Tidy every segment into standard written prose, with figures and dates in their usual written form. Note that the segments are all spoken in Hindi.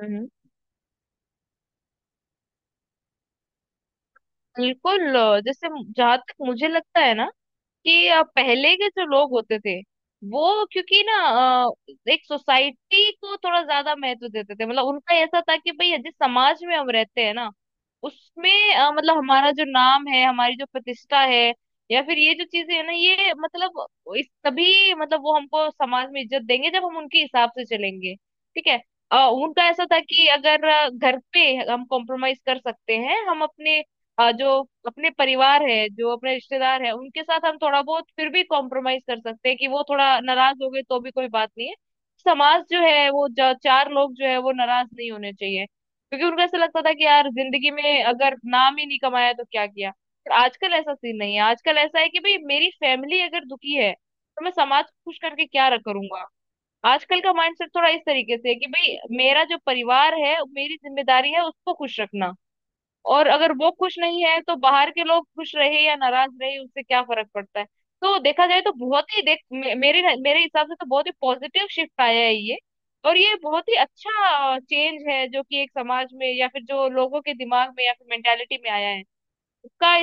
हम्म। बिल्कुल। जैसे, जहां तक मुझे लगता है ना कि पहले के जो लोग होते थे, वो क्योंकि ना एक सोसाइटी को थोड़ा ज्यादा महत्व देते थे। मतलब उनका ऐसा था कि भाई, जिस समाज में हम रहते हैं ना, उसमें मतलब हमारा जो नाम है, हमारी जो प्रतिष्ठा है, या फिर ये जो चीजें है ना, ये मतलब इस तभी मतलब वो हमको समाज में इज्जत देंगे जब हम उनके हिसाब से चलेंगे। ठीक है। उनका ऐसा था कि अगर घर पे हम कॉम्प्रोमाइज कर सकते हैं, हम अपने जो अपने परिवार है, जो अपने रिश्तेदार है, उनके साथ हम थोड़ा बहुत फिर भी कॉम्प्रोमाइज कर सकते हैं कि वो थोड़ा नाराज हो गए तो भी कोई बात नहीं है। समाज जो है वो चार लोग जो है वो नाराज नहीं होने चाहिए, क्योंकि उनको ऐसा लगता था कि यार, जिंदगी में अगर नाम ही नहीं कमाया तो क्या किया। पर आजकल ऐसा सीन नहीं है। आजकल ऐसा है कि भाई, मेरी फैमिली अगर दुखी है तो मैं समाज को खुश करके क्या करूंगा। आजकल का माइंडसेट थोड़ा इस तरीके से है कि भाई, मेरा जो परिवार है मेरी जिम्मेदारी है उसको खुश रखना। और अगर वो खुश नहीं है तो बाहर के लोग खुश रहे या नाराज रहे उससे क्या फर्क पड़ता है। तो देखा जाए तो बहुत ही देख मेरे मेरे हिसाब से तो बहुत ही पॉजिटिव शिफ्ट आया ही है। और ये बहुत ही अच्छा चेंज है जो कि एक समाज में या फिर जो लोगों के दिमाग में या फिर मेंटैलिटी में आया है उसका।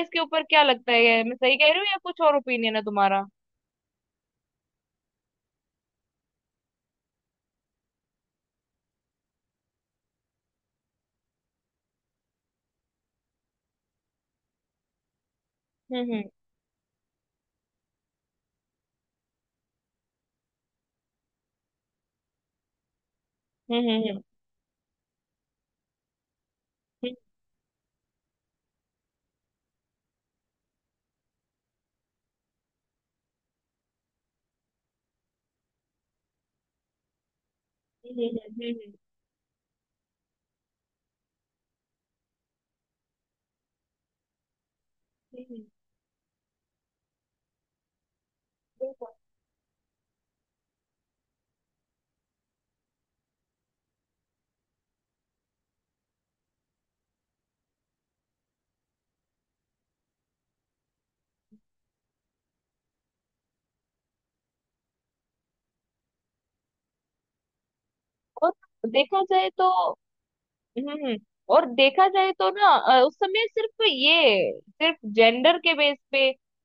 इ हम्म। और देखा जाए तो ना उस समय सिर्फ ये सिर्फ जेंडर के बेस पे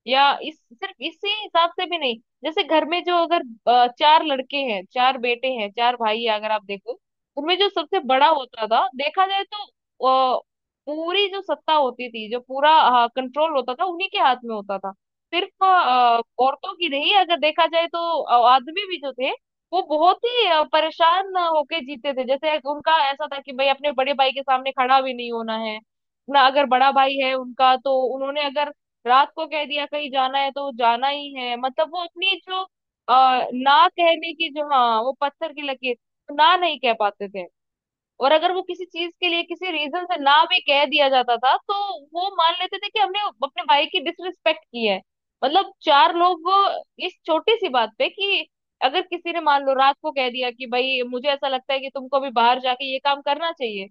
या इस सिर्फ इसी हिसाब से भी नहीं। जैसे घर में जो अगर चार लड़के हैं, चार बेटे हैं, चार भाई हैं, अगर आप देखो, उनमें जो सबसे बड़ा होता था देखा जाए तो अ, पूरी जो सत्ता होती थी, जो पूरा कंट्रोल होता था उन्हीं के हाथ में होता था। सिर्फ औरतों की नहीं, अगर देखा जाए तो आदमी भी जो थे वो बहुत ही परेशान होके जीते थे। जैसे उनका ऐसा था कि भाई, अपने बड़े भाई के सामने खड़ा भी नहीं होना है। ना, अगर बड़ा भाई है उनका तो उन्होंने अगर रात को कह दिया कहीं जाना है तो जाना ही है। मतलब वो अपनी जो ना कहने की, जो हाँ, वो पत्थर की लकीर, ना नहीं कह पाते थे। और अगर वो किसी चीज के लिए किसी रीजन से ना भी कह दिया जाता था तो वो मान लेते थे कि हमने अपने भाई की डिसरिस्पेक्ट की है। मतलब चार लोग इस छोटी सी बात पे कि अगर किसी ने मान लो रात को कह दिया कि भाई, मुझे ऐसा लगता है कि तुमको अभी बाहर जाके ये काम करना चाहिए,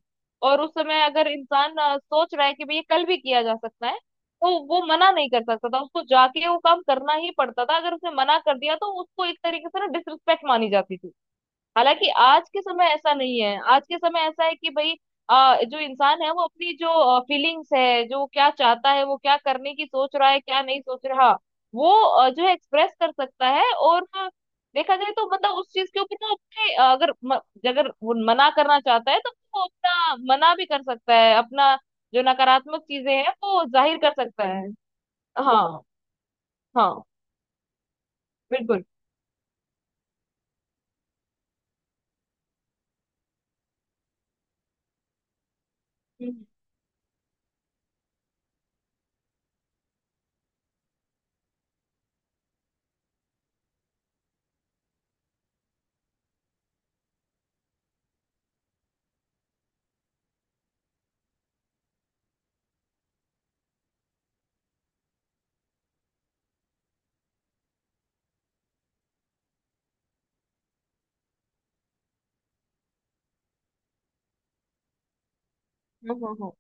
और उस समय अगर इंसान सोच रहा है कि भाई ये कल भी किया जा सकता है, तो वो मना नहीं कर सकता था। उसको जाके वो काम करना ही पड़ता था। अगर उसने मना कर दिया तो उसको एक तरीके से ना डिसरिस्पेक्ट मानी जाती थी। हालांकि आज के समय ऐसा नहीं है। आज के समय ऐसा है कि भाई जो इंसान है वो अपनी जो फीलिंग्स है, जो क्या चाहता है, वो क्या करने की सोच रहा है, क्या नहीं सोच रहा, वो जो है एक्सप्रेस कर सकता है। और देखा जाए तो मतलब उस चीज के ऊपर ना अपने अगर अगर वो मना करना चाहता है तो वो अपना मना भी कर सकता है। अपना जो नकारात्मक चीजें हैं वो जाहिर कर सकता है। हाँ हाँ। बिल्कुल। हम्म, हम्म, हम्म,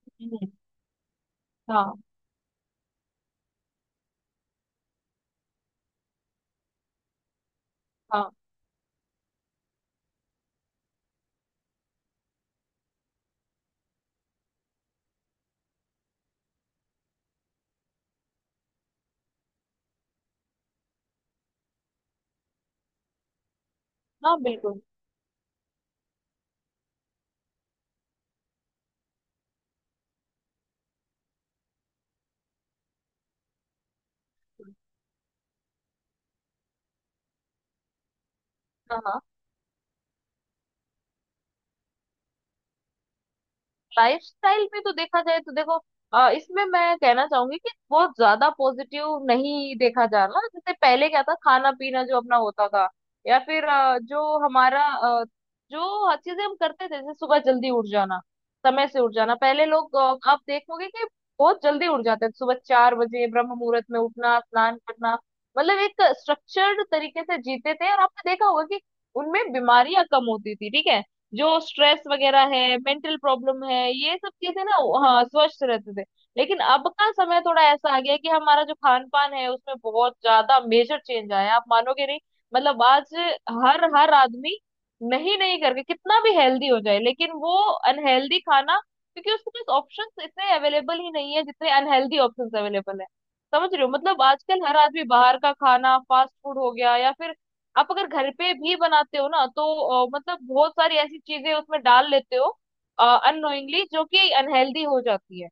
हम्म, हम्म, हाँ हाँ हाँ। बिल्कुल। हाँ हाँ। लाइफस्टाइल में तो देखा जाए तो देखो, इसमें मैं कहना चाहूंगी कि बहुत ज्यादा पॉजिटिव नहीं देखा जा रहा। जैसे पहले क्या था, खाना पीना जो अपना होता था या फिर जो हमारा जो हर चीजें हम करते थे, जैसे सुबह जल्दी उठ जाना, समय से उठ जाना, पहले लोग आप देखोगे कि बहुत जल्दी उठ जाते थे। सुबह 4 बजे ब्रह्म मुहूर्त में उठना, स्नान करना, मतलब एक स्ट्रक्चर्ड तरीके से जीते थे। और आपने देखा होगा कि उनमें बीमारियां कम होती थी। ठीक है। जो स्ट्रेस वगैरह है, मेंटल प्रॉब्लम है, ये सब चीजें ना। हाँ, स्वस्थ रहते थे। लेकिन अब का समय थोड़ा ऐसा आ गया कि हमारा जो खान पान है उसमें बहुत ज्यादा मेजर चेंज आया है। आप मानोगे नहीं। मतलब आज हर हर आदमी नहीं नहीं करके कितना भी हेल्दी हो जाए लेकिन वो अनहेल्दी खाना, क्योंकि उसके पास ऑप्शंस इतने अवेलेबल ही नहीं है जितने अनहेल्दी ऑप्शंस अवेलेबल है। समझ रहे हो। मतलब आजकल हर आदमी बाहर का खाना फास्ट फूड हो गया या फिर आप अगर घर पे भी बनाते हो ना, तो मतलब बहुत सारी ऐसी चीजें उसमें डाल लेते हो अननोइंगली जो कि अनहेल्दी हो जाती है।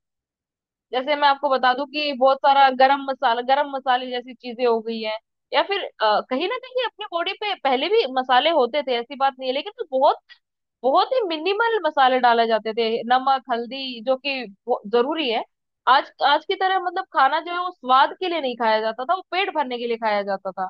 जैसे मैं आपको बता दूं कि बहुत सारा गरम मसाला, गरम मसाले जैसी चीजें हो गई है या फिर कहीं ना कहीं अपनी बॉडी पे, पहले भी मसाले होते थे, ऐसी बात नहीं है, लेकिन वो बहुत ही मिनिमल मसाले डाले जाते थे। नमक, हल्दी, जो कि जरूरी है। आज आज की तरह मतलब खाना जो है वो स्वाद के लिए नहीं खाया जाता था, वो पेट भरने के लिए खाया जाता था।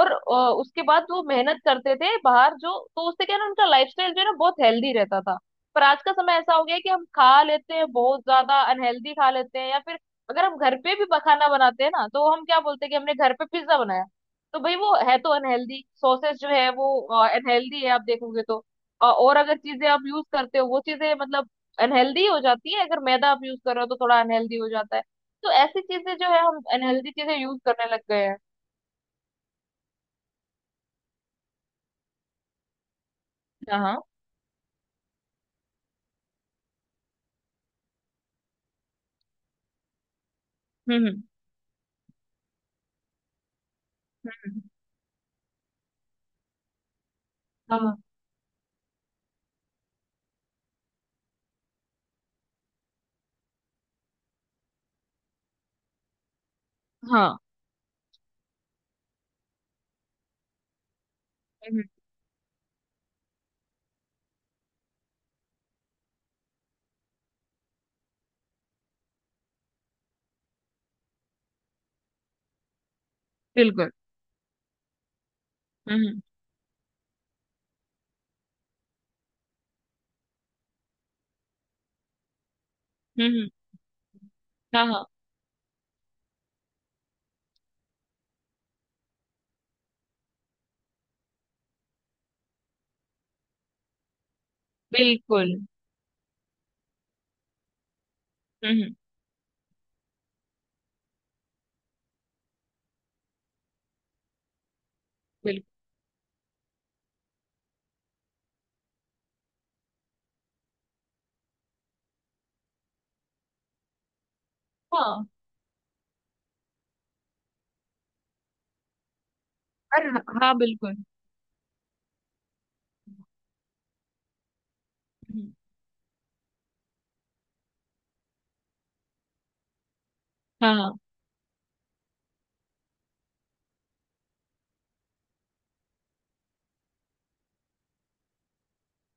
और उसके बाद वो मेहनत करते थे बाहर जो, तो उससे क्या है ना, उनका लाइफस्टाइल जो है ना बहुत हेल्दी रहता था। पर आज का समय ऐसा हो गया है कि हम खा लेते हैं, बहुत ज्यादा अनहेल्दी खा लेते हैं या फिर अगर हम घर पे भी खाना बनाते हैं ना तो हम क्या बोलते हैं कि हमने घर पे पिज्जा बनाया। तो भाई वो है तो अनहेल्दी। सॉसेज जो है वो अनहेल्दी है आप देखोगे तो। और अगर चीजें आप यूज करते हो वो चीजें मतलब अनहेल्दी हो जाती है। अगर मैदा आप यूज कर रहे हो तो थोड़ा अनहेल्दी हो जाता है। तो ऐसी चीजें जो है हम अनहेल्दी चीजें यूज करने लग गए हैं। हाँ हाँ। हम्म, हम्म, हाँ हाँ। हम्म। बिल्कुल। हम्म, हम्म। हाँ हाँ। बिल्कुल। हम्म। बिल्कुल। हाँ। और हाँ, बिल्कुल। हम्म, हाँ हाँ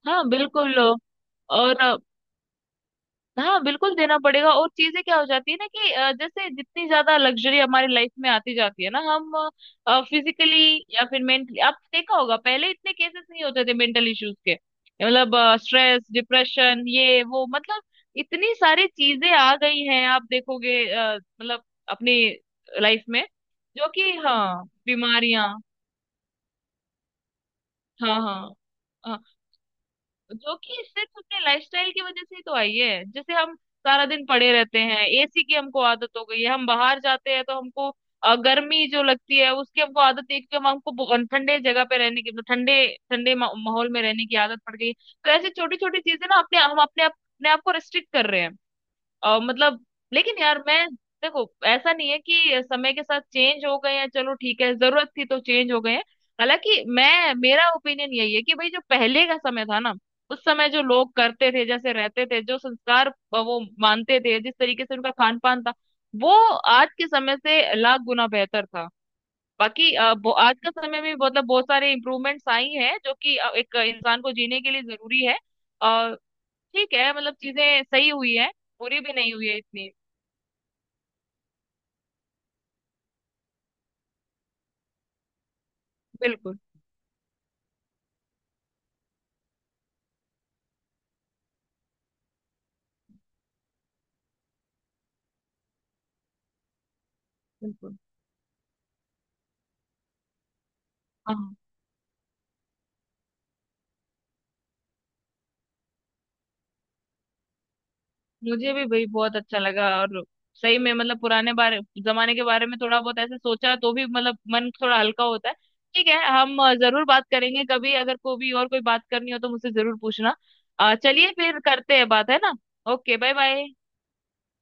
हाँ, बिल्कुल। और हाँ बिल्कुल, देना पड़ेगा। और चीजें क्या हो जाती है ना कि जैसे जितनी ज्यादा लग्जरी हमारी लाइफ में आती जाती है ना, हम फिजिकली या फिर मेंटली, आपने देखा होगा पहले इतने केसेस नहीं होते थे मेंटल इश्यूज के। मतलब स्ट्रेस, डिप्रेशन, ये वो, मतलब इतनी सारी चीजें आ गई हैं। आप देखोगे मतलब अपनी लाइफ में, जो कि हाँ, बीमारियां, हाँ हाँ हाँ। जो कि सिर्फ अपने लाइफस्टाइल की वजह से ही तो आई है। जैसे हम सारा दिन पड़े रहते हैं, एसी की हमको आदत हो गई है, हम बाहर जाते हैं तो हमको गर्मी जो लगती है उसकी हमको आदत नहीं, क्योंकि हम हमको ठंडे जगह पे रहने की मतलब ठंडे ठंडे माहौल में रहने की आदत पड़ गई है। तो ऐसी छोटी छोटी चीजें ना, अपने हम अपने आप को रिस्ट्रिक्ट कर रहे हैं। मतलब, लेकिन यार मैं देखो ऐसा नहीं है कि समय के साथ चेंज हो गए हैं, चलो ठीक है, जरूरत थी तो चेंज हो गए हैं। हालांकि मैं मेरा ओपिनियन यही है कि भाई, जो पहले का समय था ना, उस समय जो लोग करते थे, जैसे रहते थे, जो संस्कार वो मानते थे, जिस तरीके से उनका खान पान था, वो आज के समय से लाख गुना बेहतर था। बाकी आज का समय में मतलब बहुत सारे इम्प्रूवमेंट्स आई हैं जो कि एक इंसान को जीने के लिए जरूरी है। अ, ठीक है, मतलब चीजें सही हुई है, बुरी भी नहीं हुई है इतनी। बिल्कुल बिल्कुल हाँ। मुझे भी भाई बहुत अच्छा लगा। और सही में मतलब पुराने बारे जमाने के बारे में थोड़ा बहुत ऐसे सोचा तो भी मतलब मन थोड़ा हल्का होता है। ठीक है, हम जरूर बात करेंगे, कभी अगर को भी और कोई बात करनी हो तो मुझसे जरूर पूछना। चलिए, फिर करते हैं बात, है ना। Okay, bye bye.